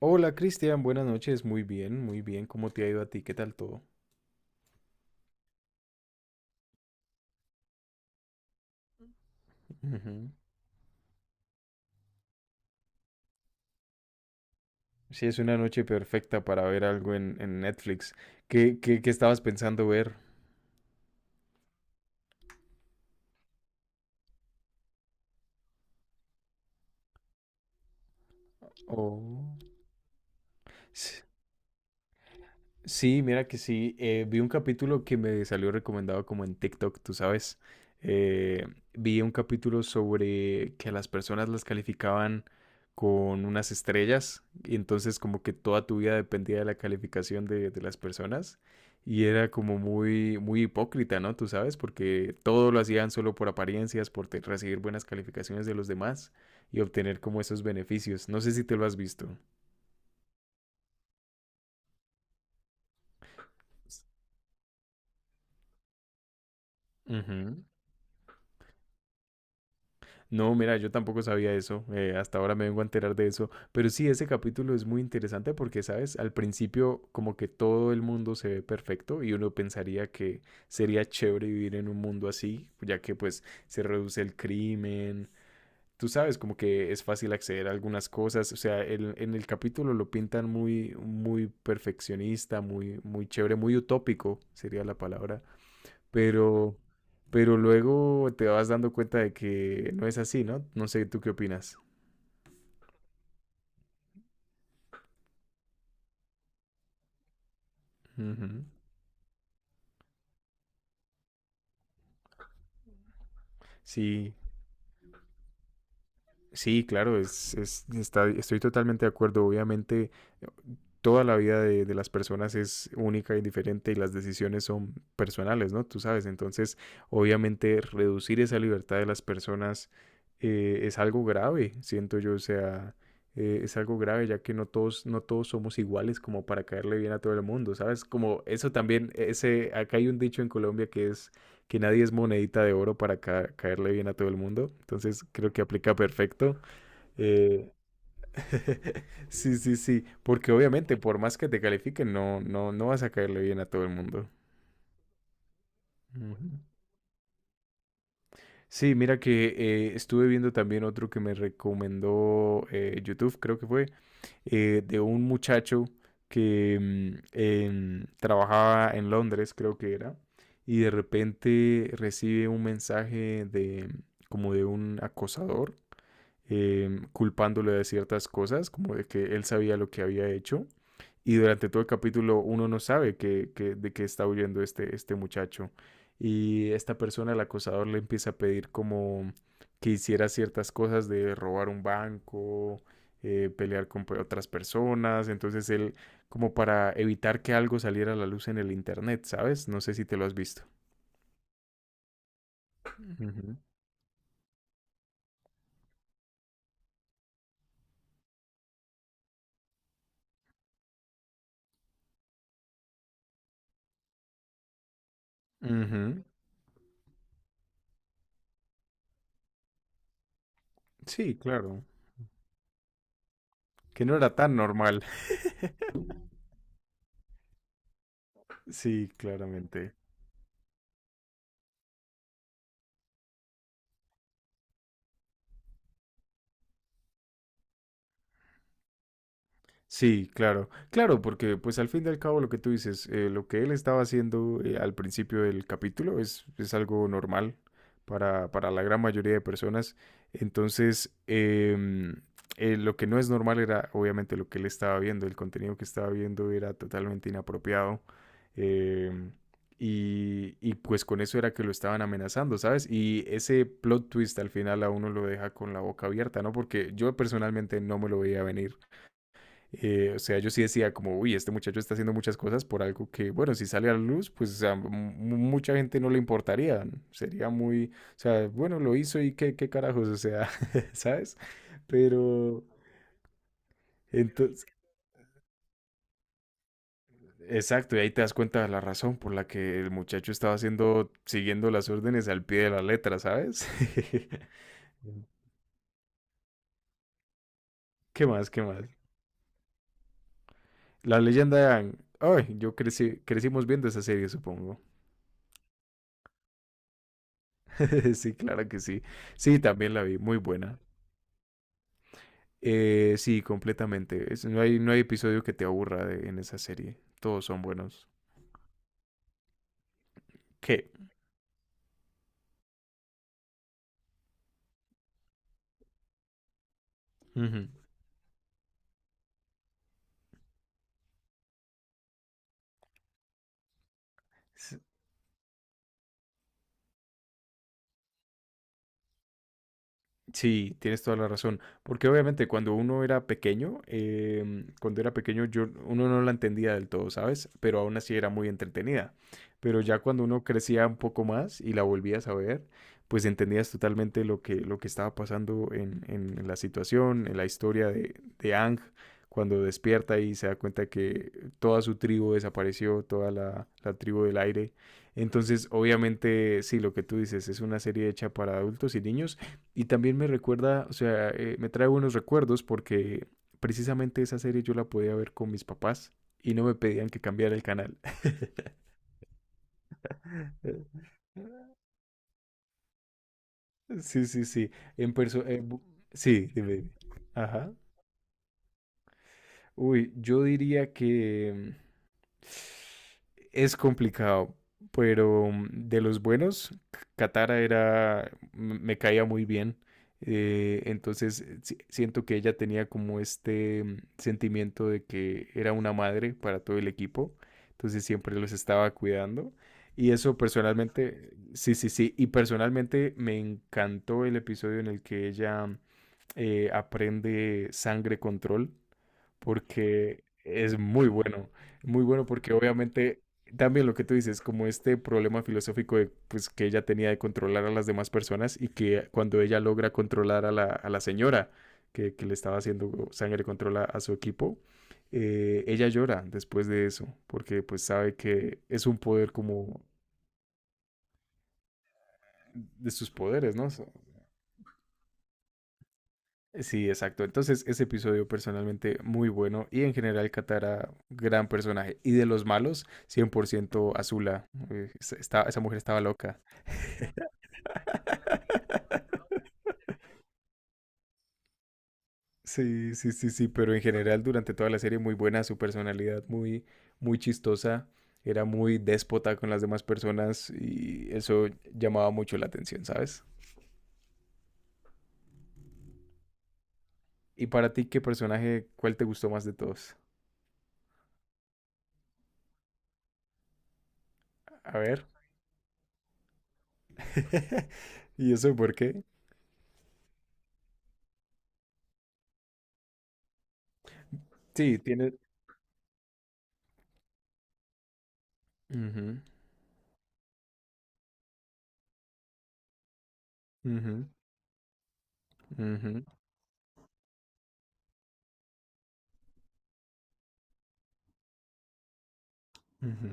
Hola Cristian, buenas noches. Muy bien, muy bien. ¿Cómo te ha ido a ti? ¿Qué tal todo? Ujú. Sí, es una noche perfecta para ver algo en Netflix. ¿Qué estabas pensando ver? Oh. Sí, mira que sí. Vi un capítulo que me salió recomendado como en TikTok, tú sabes. Eh, Vi un capítulo sobre que a las personas las calificaban con unas estrellas y entonces como que toda tu vida dependía de la calificación de las personas y era como muy, muy hipócrita, ¿no? Tú sabes, porque todo lo hacían solo por apariencias, recibir buenas calificaciones de los demás y obtener como esos beneficios. No sé si te lo has visto. No, mira, yo tampoco sabía eso, hasta ahora me vengo a enterar de eso, pero sí, ese capítulo es muy interesante porque, ¿sabes? Al principio como que todo el mundo se ve perfecto y uno pensaría que sería chévere vivir en un mundo así, ya que pues se reduce el crimen, tú sabes, como que es fácil acceder a algunas cosas, o sea, en el capítulo lo pintan muy, muy perfeccionista, muy, muy chévere, muy utópico sería la palabra pero, pero luego te vas dando cuenta de que no es así, ¿no? No sé, ¿tú qué opinas? Ujú. Sí, sí, claro, es, estoy totalmente de acuerdo. Obviamente, toda la vida de las personas es única y diferente y las decisiones son personales, ¿no? Tú sabes, entonces, obviamente, reducir esa libertad de las personas es algo grave, siento yo, o sea, es algo grave ya que no todos, no todos somos iguales como para caerle bien a todo el mundo, ¿sabes? Como eso también, ese, acá hay un dicho en Colombia que es que nadie es monedita de oro para caerle bien a todo el mundo. Entonces creo que aplica perfecto. Eh, sí, sí, sí, porque obviamente por más que te califiquen, no, no, no vas a caerle bien a todo el mundo. Ujú. Sí, mira que estuve viendo también otro que me recomendó YouTube, creo que fue, de un muchacho que trabajaba en Londres, creo que era, y de repente recibe un mensaje de como de un acosador culpándolo de ciertas cosas, como de que él sabía lo que había hecho. Y durante todo el capítulo uno no sabe que, de qué está huyendo este, este muchacho. Y esta persona, el acosador, le empieza a pedir como que hiciera ciertas cosas de robar un banco, pelear con otras personas. Entonces él, como para evitar que algo saliera a la luz en el internet, ¿sabes? No sé si te lo has visto. Ujú. Ujú. Sí, claro. Que no era tan normal. Sí, claramente. Sí, claro, claro, porque pues al fin y al cabo lo que tú dices, lo que él estaba haciendo al principio del capítulo es algo normal para la gran mayoría de personas. Entonces, lo que no es normal era obviamente lo que él estaba viendo, el contenido que estaba viendo era totalmente inapropiado. em, y, y pues con eso era que lo estaban amenazando, ¿sabes? Y ese plot twist al final a uno lo deja con la boca abierta, ¿no? Porque yo personalmente no me lo veía venir. O sea, yo sí decía como, uy, este muchacho está haciendo muchas cosas por algo que, bueno, si sale a la luz, pues mucha gente no le importaría, ¿no? Sería muy, o sea, bueno, lo hizo y qué, qué carajos, o sea, ¿sabes? Pero, entonces, exacto, y ahí te das cuenta de la razón por la que el muchacho estaba haciendo, siguiendo las órdenes al pie de la letra, ¿sabes? ¿Qué más? ¿Qué más? La leyenda de Aang. Ay, yo crecí, crecimos viendo esa serie, supongo. Sí, claro que sí. Sí, también la vi, muy buena. Sí, completamente. No hay, no hay episodio que te aburra en esa serie. Todos son buenos. ¿Qué? Ujú. Sí, tienes toda la razón. Porque obviamente cuando uno era pequeño, cuando era pequeño yo uno no la entendía del todo, ¿sabes? Pero aún así era muy entretenida. Pero ya cuando uno crecía un poco más y la volvías a ver, pues entendías totalmente lo que estaba pasando en, en la situación, en la historia de Aang, cuando despierta y se da cuenta que toda su tribu desapareció, toda la, la tribu del aire. Entonces, obviamente, sí, lo que tú dices es una serie hecha para adultos y niños y también me recuerda, o sea, me trae buenos recuerdos porque precisamente esa serie yo la podía ver con mis papás y no me pedían que cambiara el canal. Sí, sí, sí. En perso eh, bu- sí, dime, dime. Ajá. Uy, yo diría que es complicado, pero de los buenos, Katara era, me caía muy bien. Entonces siento que ella tenía como este sentimiento de que era una madre para todo el equipo, entonces siempre los estaba cuidando. Y eso personalmente, sí, sí, sí, y personalmente me encantó el episodio en el que ella aprende sangre control porque es muy bueno, muy bueno porque obviamente también lo que tú dices, como este problema filosófico de, pues, que ella tenía de controlar a las demás personas y que cuando ella logra controlar a la señora que le estaba haciendo sangre controla a su equipo, ella llora después de eso, porque pues sabe que es un poder como de sus poderes, ¿no? Sí, exacto. Entonces, ese episodio personalmente muy bueno y en general Katara, gran personaje. Y de los malos, 100% Azula. Esa mujer estaba loca. Sí, sí, sí, sí, pero en general durante toda la serie muy buena, su personalidad muy, muy chistosa. Era muy déspota con las demás personas y eso llamaba mucho la atención, ¿sabes? Y para ti, ¿qué personaje, cuál te gustó más de todos? A ver. ¿Y eso por qué? Sí, tiene... Ujú, ujú. Ujú. Ujú.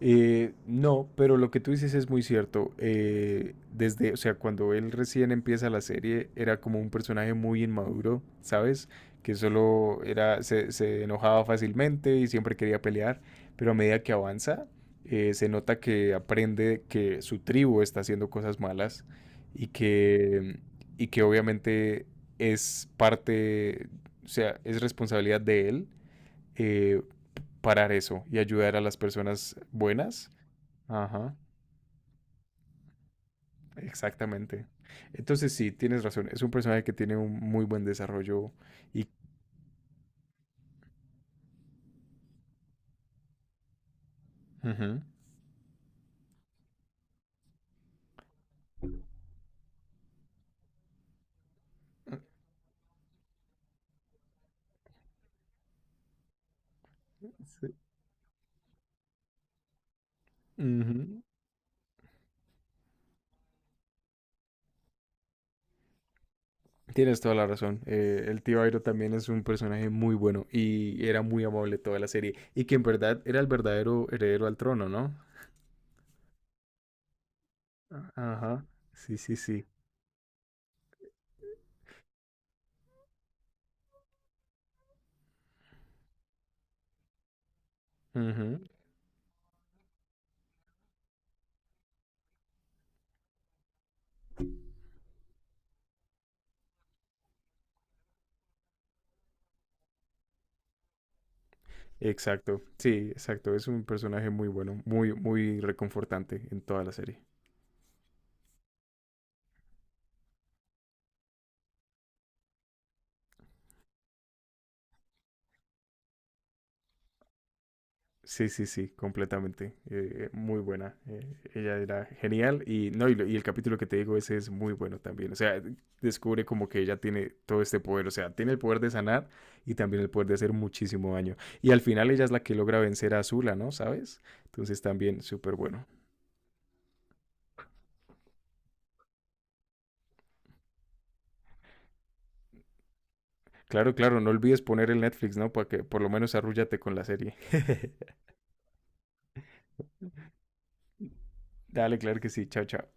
No, pero lo que tú dices es muy cierto. Desde, o sea, cuando él recién empieza la serie, era como un personaje muy inmaduro, ¿sabes? Que solo era, se enojaba fácilmente y siempre quería pelear, pero a medida que avanza, se nota que aprende que su tribu está haciendo cosas malas y que, y que obviamente es parte, o sea, es responsabilidad de él eh, parar eso y ayudar a las personas buenas. Ajá, exactamente. Entonces sí, tienes razón. Es un personaje que tiene un muy buen desarrollo y... Ujú. Sí. Ujú. Tienes toda la razón. El tío Airo también es un personaje muy bueno y era muy amable toda la serie. Y que en verdad era el verdadero heredero al trono, ¿no? Ajá. Sí, sí, sí. Ujú. Exacto. Sí, exacto. Es un personaje muy bueno, muy, muy reconfortante en toda la serie. Sí, sí, sí, completamente. Muy buena. Ella era genial. Y, no, y, y el capítulo que te digo, ese es muy bueno también. O sea, descubre como que ella tiene todo este poder. O sea, tiene el poder de sanar y también el poder de hacer muchísimo daño. Y al final ella es la que logra vencer a Azula, ¿no? ¿Sabes? Entonces también súper bueno. Claro, claro, no olvides poner el Netflix, ¿no? Para que por lo menos arrúllate con la serie. Dale, claro que sí. Chao, chao.